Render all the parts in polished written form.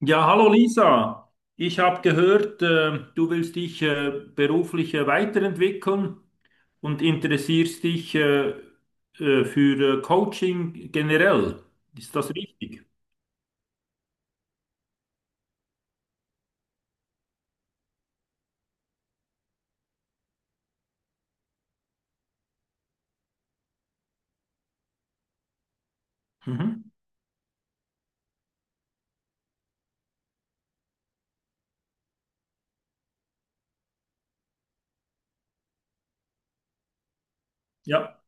Ja, hallo Lisa. Ich habe gehört, du willst dich beruflich weiterentwickeln und interessierst dich für Coaching generell. Ist das richtig? Mhm. Ja,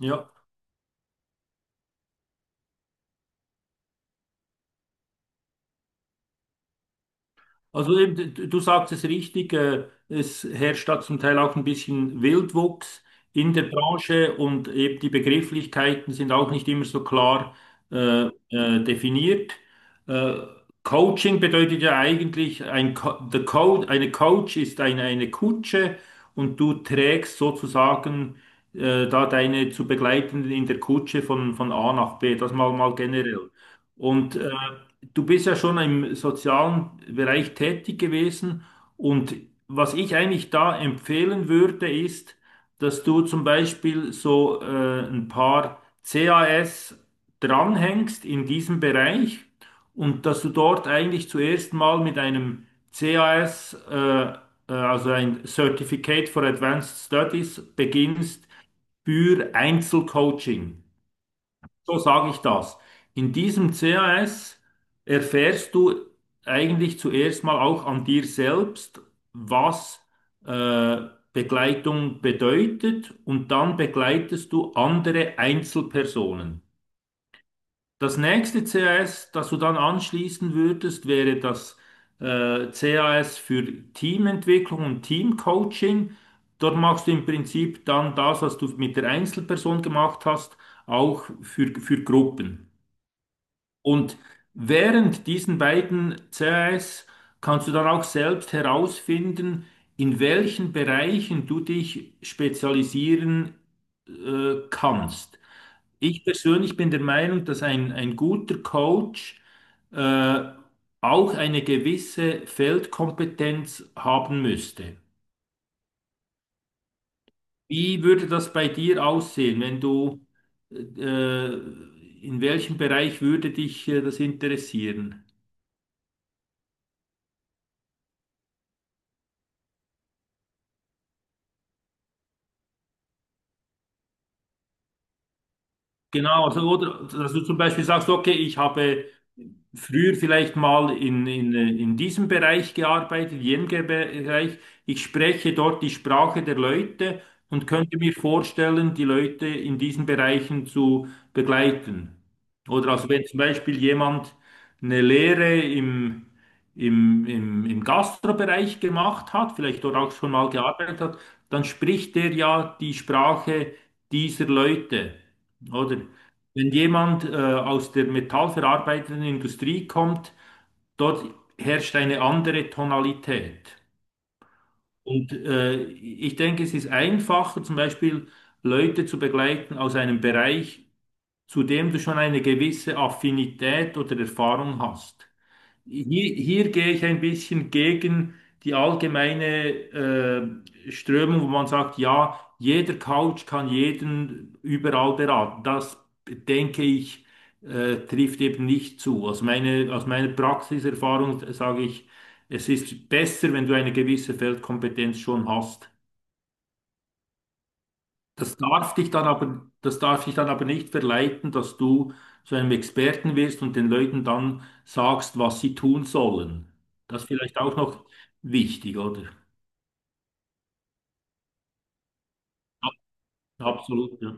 ja. Also eben, du sagst es richtig, es herrscht da zum Teil auch ein bisschen Wildwuchs in der Branche, und eben die Begrifflichkeiten sind auch nicht immer so klar definiert. Äh, Coaching bedeutet ja eigentlich, ein Co the Co eine Coach ist eine Kutsche, und du trägst sozusagen da deine zu Begleitenden in der Kutsche von A nach B, das mal generell. Und äh, Du bist ja schon im sozialen Bereich tätig gewesen, und was ich eigentlich da empfehlen würde, ist, dass du zum Beispiel so ein paar CAS dranhängst in diesem Bereich, und dass du dort eigentlich zuerst mal mit einem CAS, also ein Certificate for Advanced Studies, beginnst für Einzelcoaching. So sage ich das. In diesem CAS erfährst du eigentlich zuerst mal auch an dir selbst, was äh, Begleitung bedeutet, und dann begleitest du andere Einzelpersonen. Das nächste CAS, das du dann anschließen würdest, wäre das CAS für Teamentwicklung und Teamcoaching. Dort machst du im Prinzip dann das, was du mit der Einzelperson gemacht hast, auch für Gruppen. Und während diesen beiden CAs kannst du dann auch selbst herausfinden, in welchen Bereichen du dich spezialisieren kannst. Ich persönlich bin der Meinung, dass ein guter Coach äh, auch eine gewisse Feldkompetenz haben müsste. Wie würde das bei dir aussehen, wenn du, äh, in welchem Bereich würde dich das interessieren? Genau, also, oder dass du zum Beispiel sagst, okay, ich habe früher vielleicht mal in diesem Bereich gearbeitet, jenem Bereich, ich spreche dort die Sprache der Leute und könnte mir vorstellen, die Leute in diesen Bereichen zu begleiten. Oder, also wenn zum Beispiel jemand eine Lehre im Gastrobereich gemacht hat, vielleicht dort auch schon mal gearbeitet hat, dann spricht der ja die Sprache dieser Leute. Oder wenn jemand aus der metallverarbeitenden Industrie kommt, dort herrscht eine andere Tonalität. Und ich denke, es ist einfacher, zum Beispiel Leute zu begleiten aus einem Bereich, zu dem du schon eine gewisse Affinität oder Erfahrung hast. Hier gehe ich ein bisschen gegen die allgemeine Strömung, wo man sagt, ja, jeder Coach kann jeden überall beraten. Das denke ich, trifft eben nicht zu. Aus meiner Praxiserfahrung sage ich, es ist besser, wenn du eine gewisse Feldkompetenz schon hast. Das darf dich dann aber nicht verleiten, dass du zu einem Experten wirst und den Leuten dann sagst, was sie tun sollen. Das ist vielleicht auch noch wichtig, oder? Ab- Absolut, ja.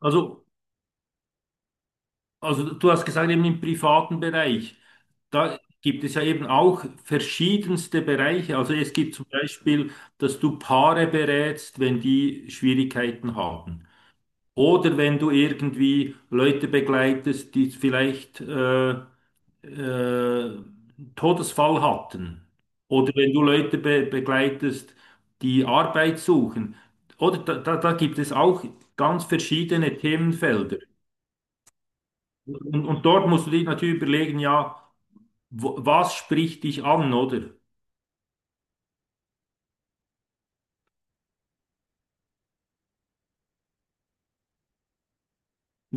Also, also du hast gesagt, eben im privaten Bereich, da gibt es ja eben auch verschiedenste Bereiche. Also es gibt zum Beispiel, dass du Paare berätst, wenn die Schwierigkeiten haben. Oder wenn du irgendwie Leute begleitest, die vielleicht äh, Todesfall hatten, oder wenn du Leute be begleitest, die Arbeit suchen, oder da gibt es auch ganz verschiedene Themenfelder. Und dort musst du dich natürlich überlegen, ja, wo, was spricht dich an, oder?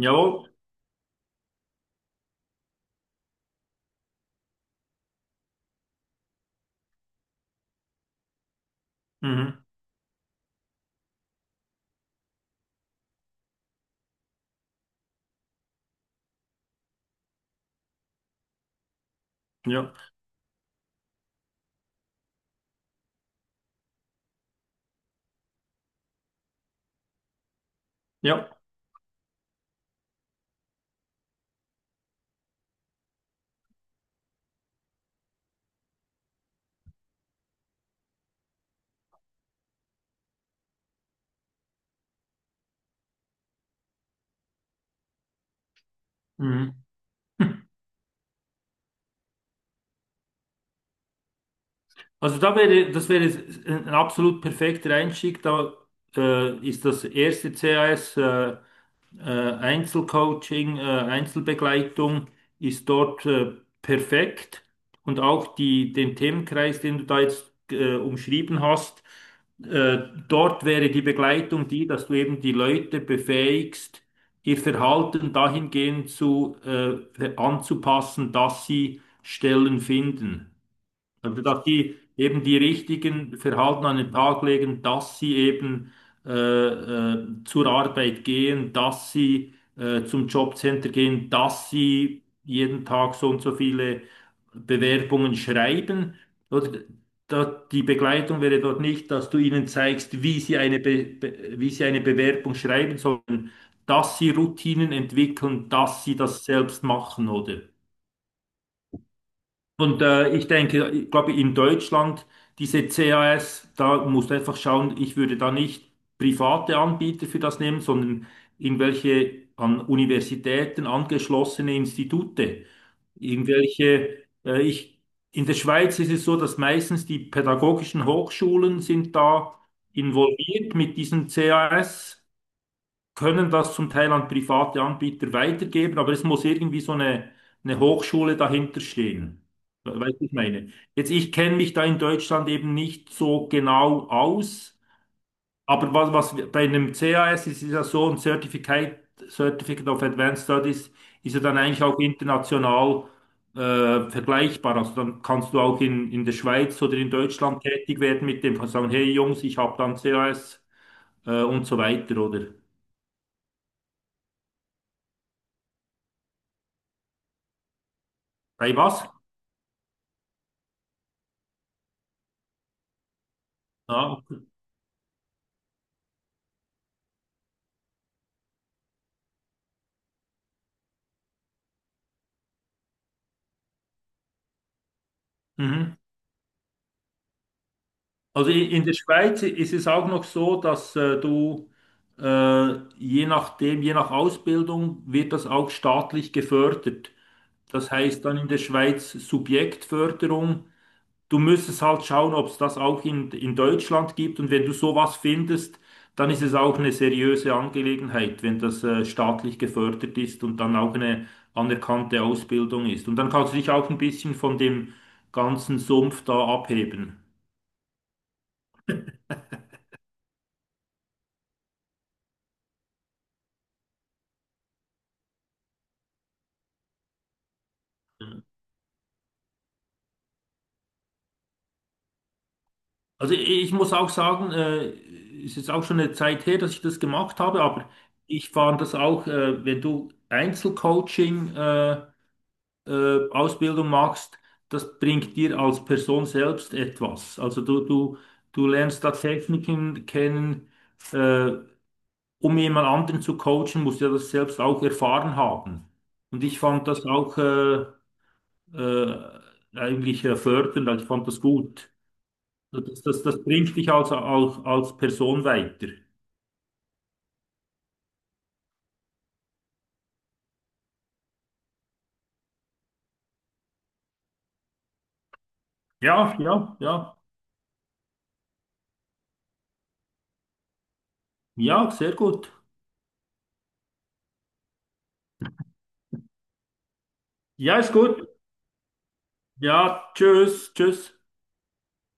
Jawohl. Mhm. Ja, ja. Mhm. Also da wäre, das wäre ein absolut perfekter Einstieg. Da ist das erste CAS Einzelcoaching, Einzelbegleitung ist dort perfekt. Und auch die, den Themenkreis, den du da jetzt umschrieben hast, äh, dort wäre die Begleitung die, dass du eben die Leute befähigst, ihr Verhalten dahingehend zu, anzupassen, dass sie Stellen finden. Also, dass die eben die richtigen Verhalten an den Tag legen, dass sie eben zur Arbeit gehen, dass sie zum Jobcenter gehen, dass sie jeden Tag so und so viele Bewerbungen schreiben. Oder da, die Begleitung wäre dort nicht, dass du ihnen zeigst, wie sie eine Bewerbung schreiben sollen, dass sie Routinen entwickeln, dass sie das selbst machen, oder? Und ich glaube, in Deutschland, diese CAS, da musst du einfach schauen, ich würde da nicht private Anbieter für das nehmen, sondern irgendwelche an Universitäten angeschlossene Institute. Irgendwelche, in der Schweiz ist es so, dass meistens die pädagogischen Hochschulen sind da involviert mit diesen CAS, können das zum Teil an private Anbieter weitergeben, aber es muss irgendwie so eine Hochschule dahinter stehen. Weißt du, was ich meine? Jetzt, ich kenne mich da in Deutschland eben nicht so genau aus, aber bei einem CAS ist, ist ja so ein Certificate, Certificate of Advanced Studies ist ja dann eigentlich auch international vergleichbar. Also dann kannst du auch in der Schweiz oder in Deutschland tätig werden mit dem, kannst sagen, hey Jungs, ich habe dann CAS und so weiter, oder? Bei was? Ja. Mhm. Also in der Schweiz ist es auch noch so, dass du je nachdem, je nach Ausbildung wird das auch staatlich gefördert. Das heißt dann in der Schweiz Subjektförderung. Du müsstest halt schauen, ob es das auch in Deutschland gibt. Und wenn du sowas findest, dann ist es auch eine seriöse Angelegenheit, wenn das staatlich gefördert ist und dann auch eine anerkannte Ausbildung ist. Und dann kannst du dich auch ein bisschen von dem ganzen Sumpf da abheben. Also ich muss auch sagen, ist jetzt auch schon eine Zeit her, dass ich das gemacht habe, aber ich fand das auch, wenn du Einzelcoaching, Ausbildung machst, das bringt dir als Person selbst etwas. Also du lernst da Techniken kennen, äh, um jemand anderen zu coachen, musst du ja das selbst auch erfahren haben. Und ich fand das auch äh, eigentlich fördernd, also ich fand das gut. So, das bringt dich also auch als Person weiter. Ja, ja, ja. Ja, sehr gut. Ja, ist gut. Ja, tschüss, tschüss.